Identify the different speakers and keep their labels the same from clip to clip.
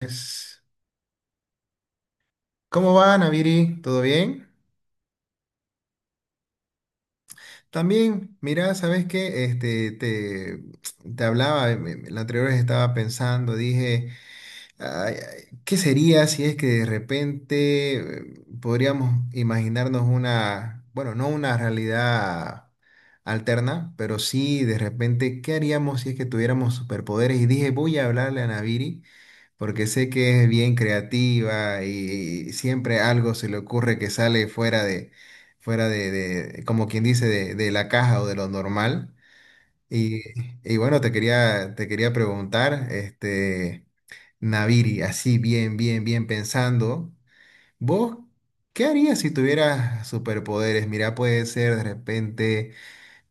Speaker 1: Es- ¿Cómo va, Naviri? ¿Todo bien? También, mira, ¿sabes qué? Te hablaba, la anterior vez estaba pensando, dije, ay, ¿qué sería si es que de repente podríamos imaginarnos una, bueno, no una realidad alterna, pero sí de repente, ¿qué haríamos si es que tuviéramos superpoderes? Y dije, voy a hablarle a Naviri porque sé que es bien creativa y siempre algo se le ocurre que sale como quien dice, de la caja o de lo normal. Y, y bueno, te quería preguntar, este, Naviri, así bien pensando, ¿vos qué harías si tuvieras superpoderes? Mira, puede ser de repente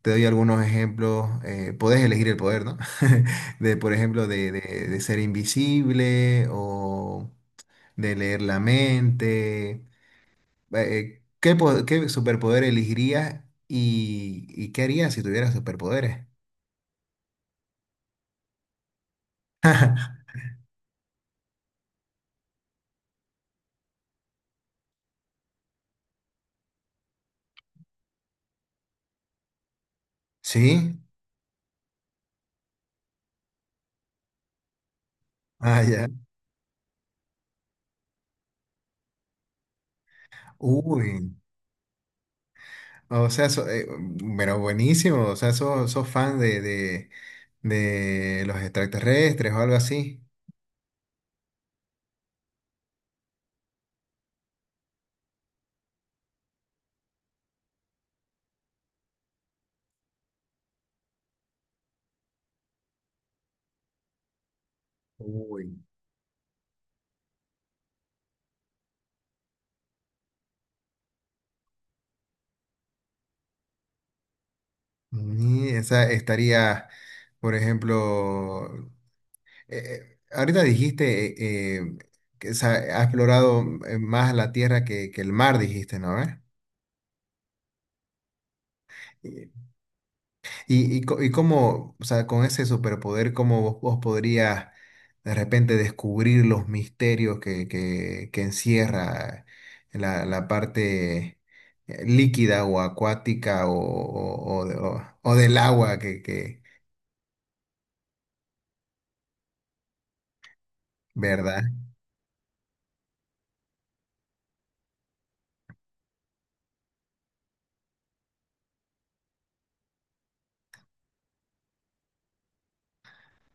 Speaker 1: te doy algunos ejemplos. Podés elegir el poder, ¿no? Por ejemplo, de ser invisible o de leer la mente. ¿Qué, qué superpoder elegirías y qué harías si tuvieras superpoderes? ¿Sí? Ah, ya. Uy. O sea, pero buenísimo. O sea, sos, sos fan de los extraterrestres o algo así. Uy. Y esa estaría, por ejemplo, ahorita dijiste que sa- ha explorado más la tierra que el mar, dijiste, ¿no? ¿Eh? Y, y cómo, o sea, con ese superpoder, ¿cómo vos podrías de repente descubrir los misterios que, que encierra la, la parte líquida o acuática o o- del agua que, ¿verdad?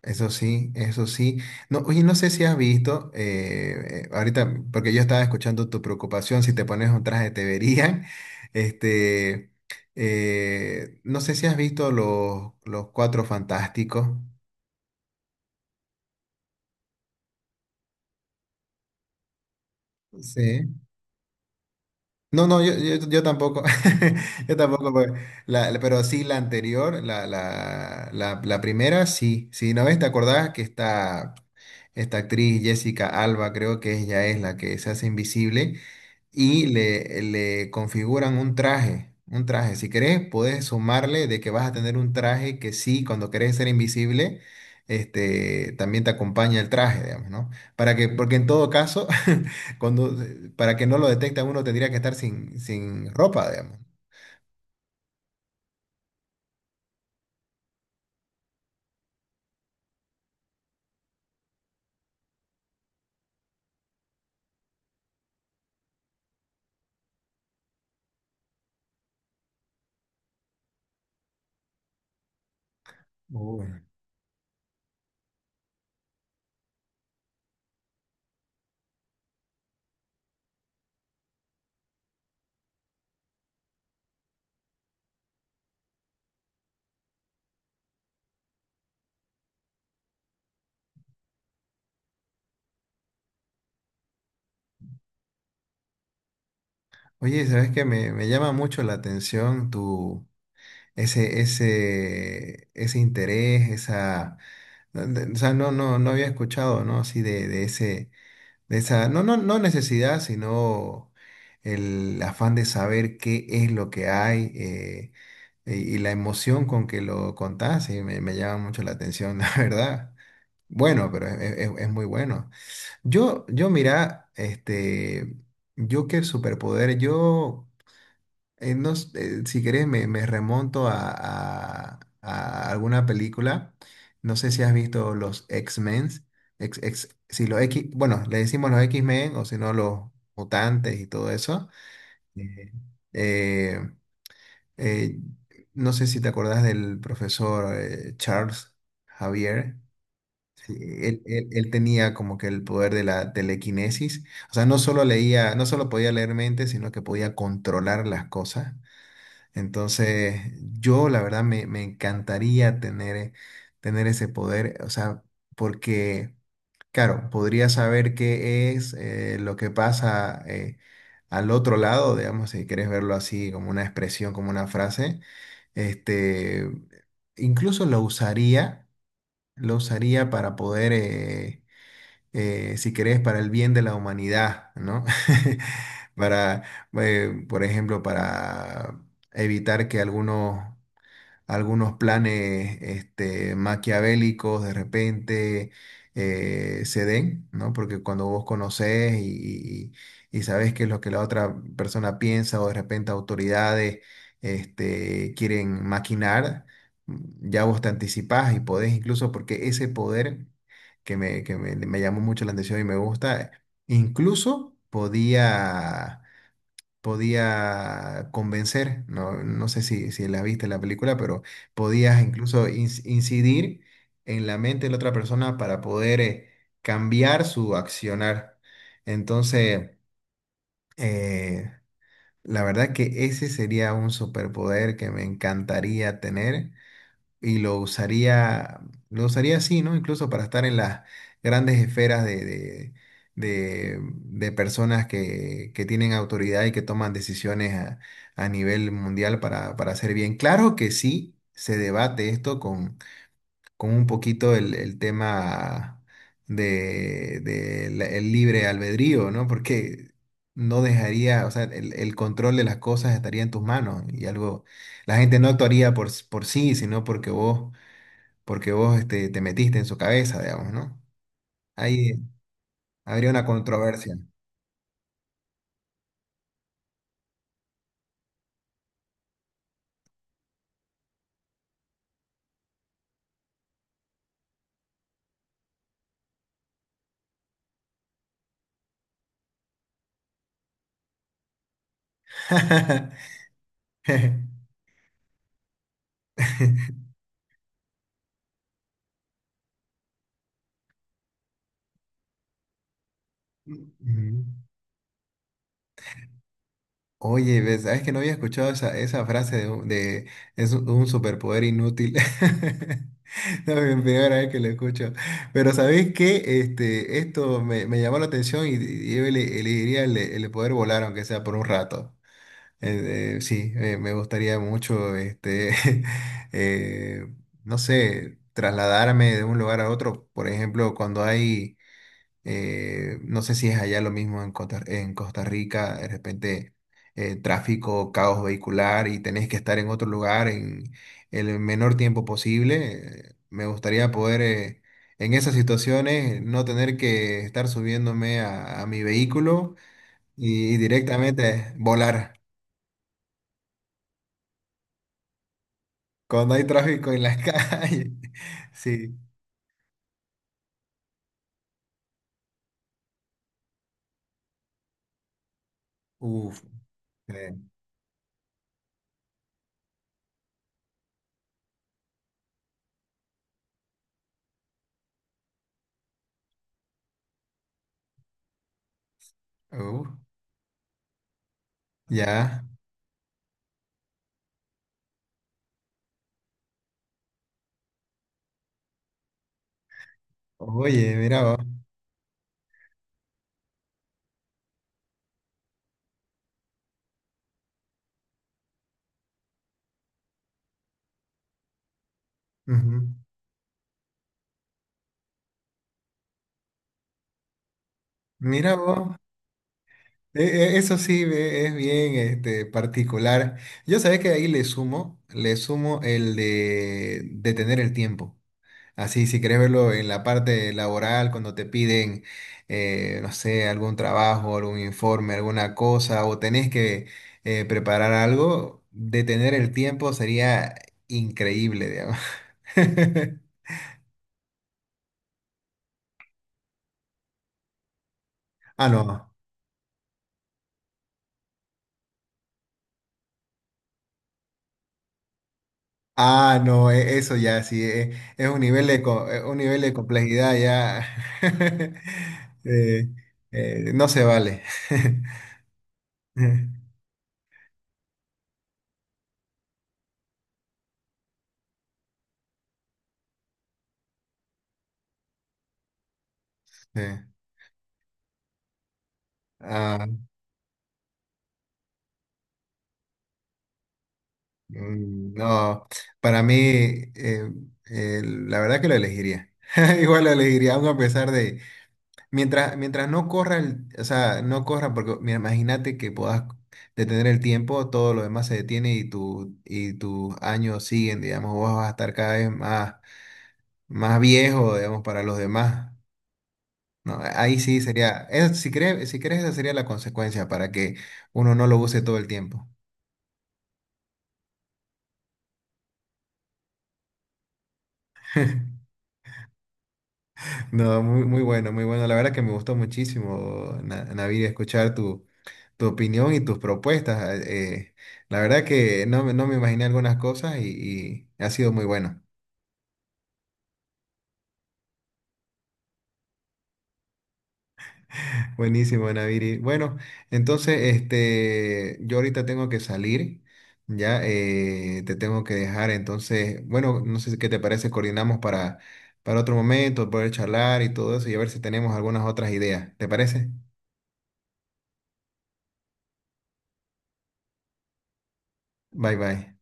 Speaker 1: Eso sí, eso sí. No, oye, no sé si has visto, ahorita, porque yo estaba escuchando tu preocupación, si te pones un traje te verían. Este, no sé si has visto los Cuatro Fantásticos. Sí. No, no, yo tampoco. Yo tampoco, porque pero sí la anterior, la primera, sí. Sí, ¿no ves? ¿Te acordás que está esta actriz Jessica Alba, creo que ella es la que se hace invisible? Y le configuran un traje, un traje. Si querés, podés sumarle de que vas a tener un traje que sí, cuando querés ser invisible, este, también te acompaña el traje, digamos, ¿no? Para que, porque en todo caso, cuando, para que no lo detecte uno tendría que estar sin ropa, digamos. Uy. Oye, ¿sabes qué? Me llama mucho la atención tu... ese interés, esa, o sea, no había escuchado, ¿no? Así de ese, esa, no necesidad, sino el afán de saber qué es lo que hay y la emoción con que lo contás, y me llama mucho la atención, la verdad. Bueno, pero es muy bueno. Yo mira, este, yo qué superpoder, yo si querés, me remonto a, a alguna película. No sé si has visto los X-Men. Si los X, bueno, le decimos los X-Men o si no, los mutantes y todo eso. Eh, eh, eh, no sé si te acordás del profesor Charles Javier. Sí, él tenía como que el poder de la telequinesis. O sea, no solo leía, no solo podía leer mente, sino que podía controlar las cosas. Entonces, yo la verdad me encantaría tener, tener ese poder, o sea, porque, claro, podría saber qué es lo que pasa al otro lado, digamos, si quieres verlo así como una expresión, como una frase. Este, incluso lo usaría para poder, si querés, para el bien de la humanidad, ¿no? Para, por ejemplo, para evitar que algunos algunos planes este, maquiavélicos de repente se den, ¿no? Porque cuando vos conocés y, y sabés qué es lo que la otra persona piensa o de repente autoridades este, quieren maquinar, ya vos te anticipás y podés incluso, porque ese poder que me, que me llamó mucho la atención y me gusta, incluso podía podía convencer, no, no sé si, si la viste la película, pero podías incluso incidir en la mente de la otra persona para poder cambiar su accionar. Entonces, eh, la verdad que ese sería un superpoder que me encantaría tener y lo usaría así, ¿no? Incluso para estar en las grandes esferas de personas que tienen autoridad y que toman decisiones a nivel mundial para hacer bien. Claro que sí se debate esto con un poquito el tema de, de el libre albedrío, ¿no? Porque no dejaría, o sea, el control de las cosas estaría en tus manos y algo, la gente no actuaría por sí, sino porque vos, este, te metiste en su cabeza, digamos, ¿no? Ahí habría una controversia. Ujú. Oye, ¿ves? ¿Sabes que no había escuchado esa, esa frase de, es un superpoder inútil? No, es la primera vez que lo escucho. Pero ¿sabés qué? Este, esto me, me llamó la atención y yo elegiría el, el de poder volar, aunque sea por un rato. Sí, me gustaría mucho, este, eh, no sé, trasladarme de un lugar a otro. Por ejemplo, cuando hay, no sé si es allá lo mismo en Costa Rica, de repente tráfico, caos vehicular y tenés que estar en otro lugar en el menor tiempo posible. Me gustaría poder, en esas situaciones, no tener que estar subiéndome a mi vehículo y directamente volar. Cuando hay tráfico en las calles. Sí. Uf. eh, uf, Ya. Oye, mira vos. Ujú. Mira vos. Eso sí es bien este, particular. Yo sabés que ahí le sumo el de detener el tiempo. Así, si querés verlo en la parte laboral, cuando te piden, no sé, algún trabajo, algún informe, alguna cosa, o tenés que preparar algo, detener el tiempo sería increíble, digamos. Ah, no. Ah, no, eso ya sí, es, un nivel de, un nivel de complejidad ya. eh, no se vale. Sí. Ah, mm, no, para mí, eh, la verdad que lo elegiría. Igual lo elegiría, aun a pesar de, mientras, mientras no corra, o sea, no corra, porque mira, imagínate que puedas detener el tiempo, todo lo demás se detiene y, y tus años siguen, digamos, vos vas a estar cada vez más, más viejo, digamos, para los demás. No, ahí sí sería, si crees, si crees, esa sería la consecuencia para que uno no lo use todo el tiempo. No, muy, muy bueno, muy bueno. La verdad que me gustó muchísimo, Navid, escuchar tu, tu opinión y tus propuestas. Ah, eh, la verdad que no, no me imaginé algunas cosas y ha sido muy bueno. Buenísimo, Naviri. Bueno, entonces, este, yo ahorita tengo que salir, ya te tengo que dejar. Entonces, bueno, no sé si, qué te parece, coordinamos para otro momento, poder charlar y todo eso y a ver si tenemos algunas otras ideas. ¿Te parece? Bye, bye.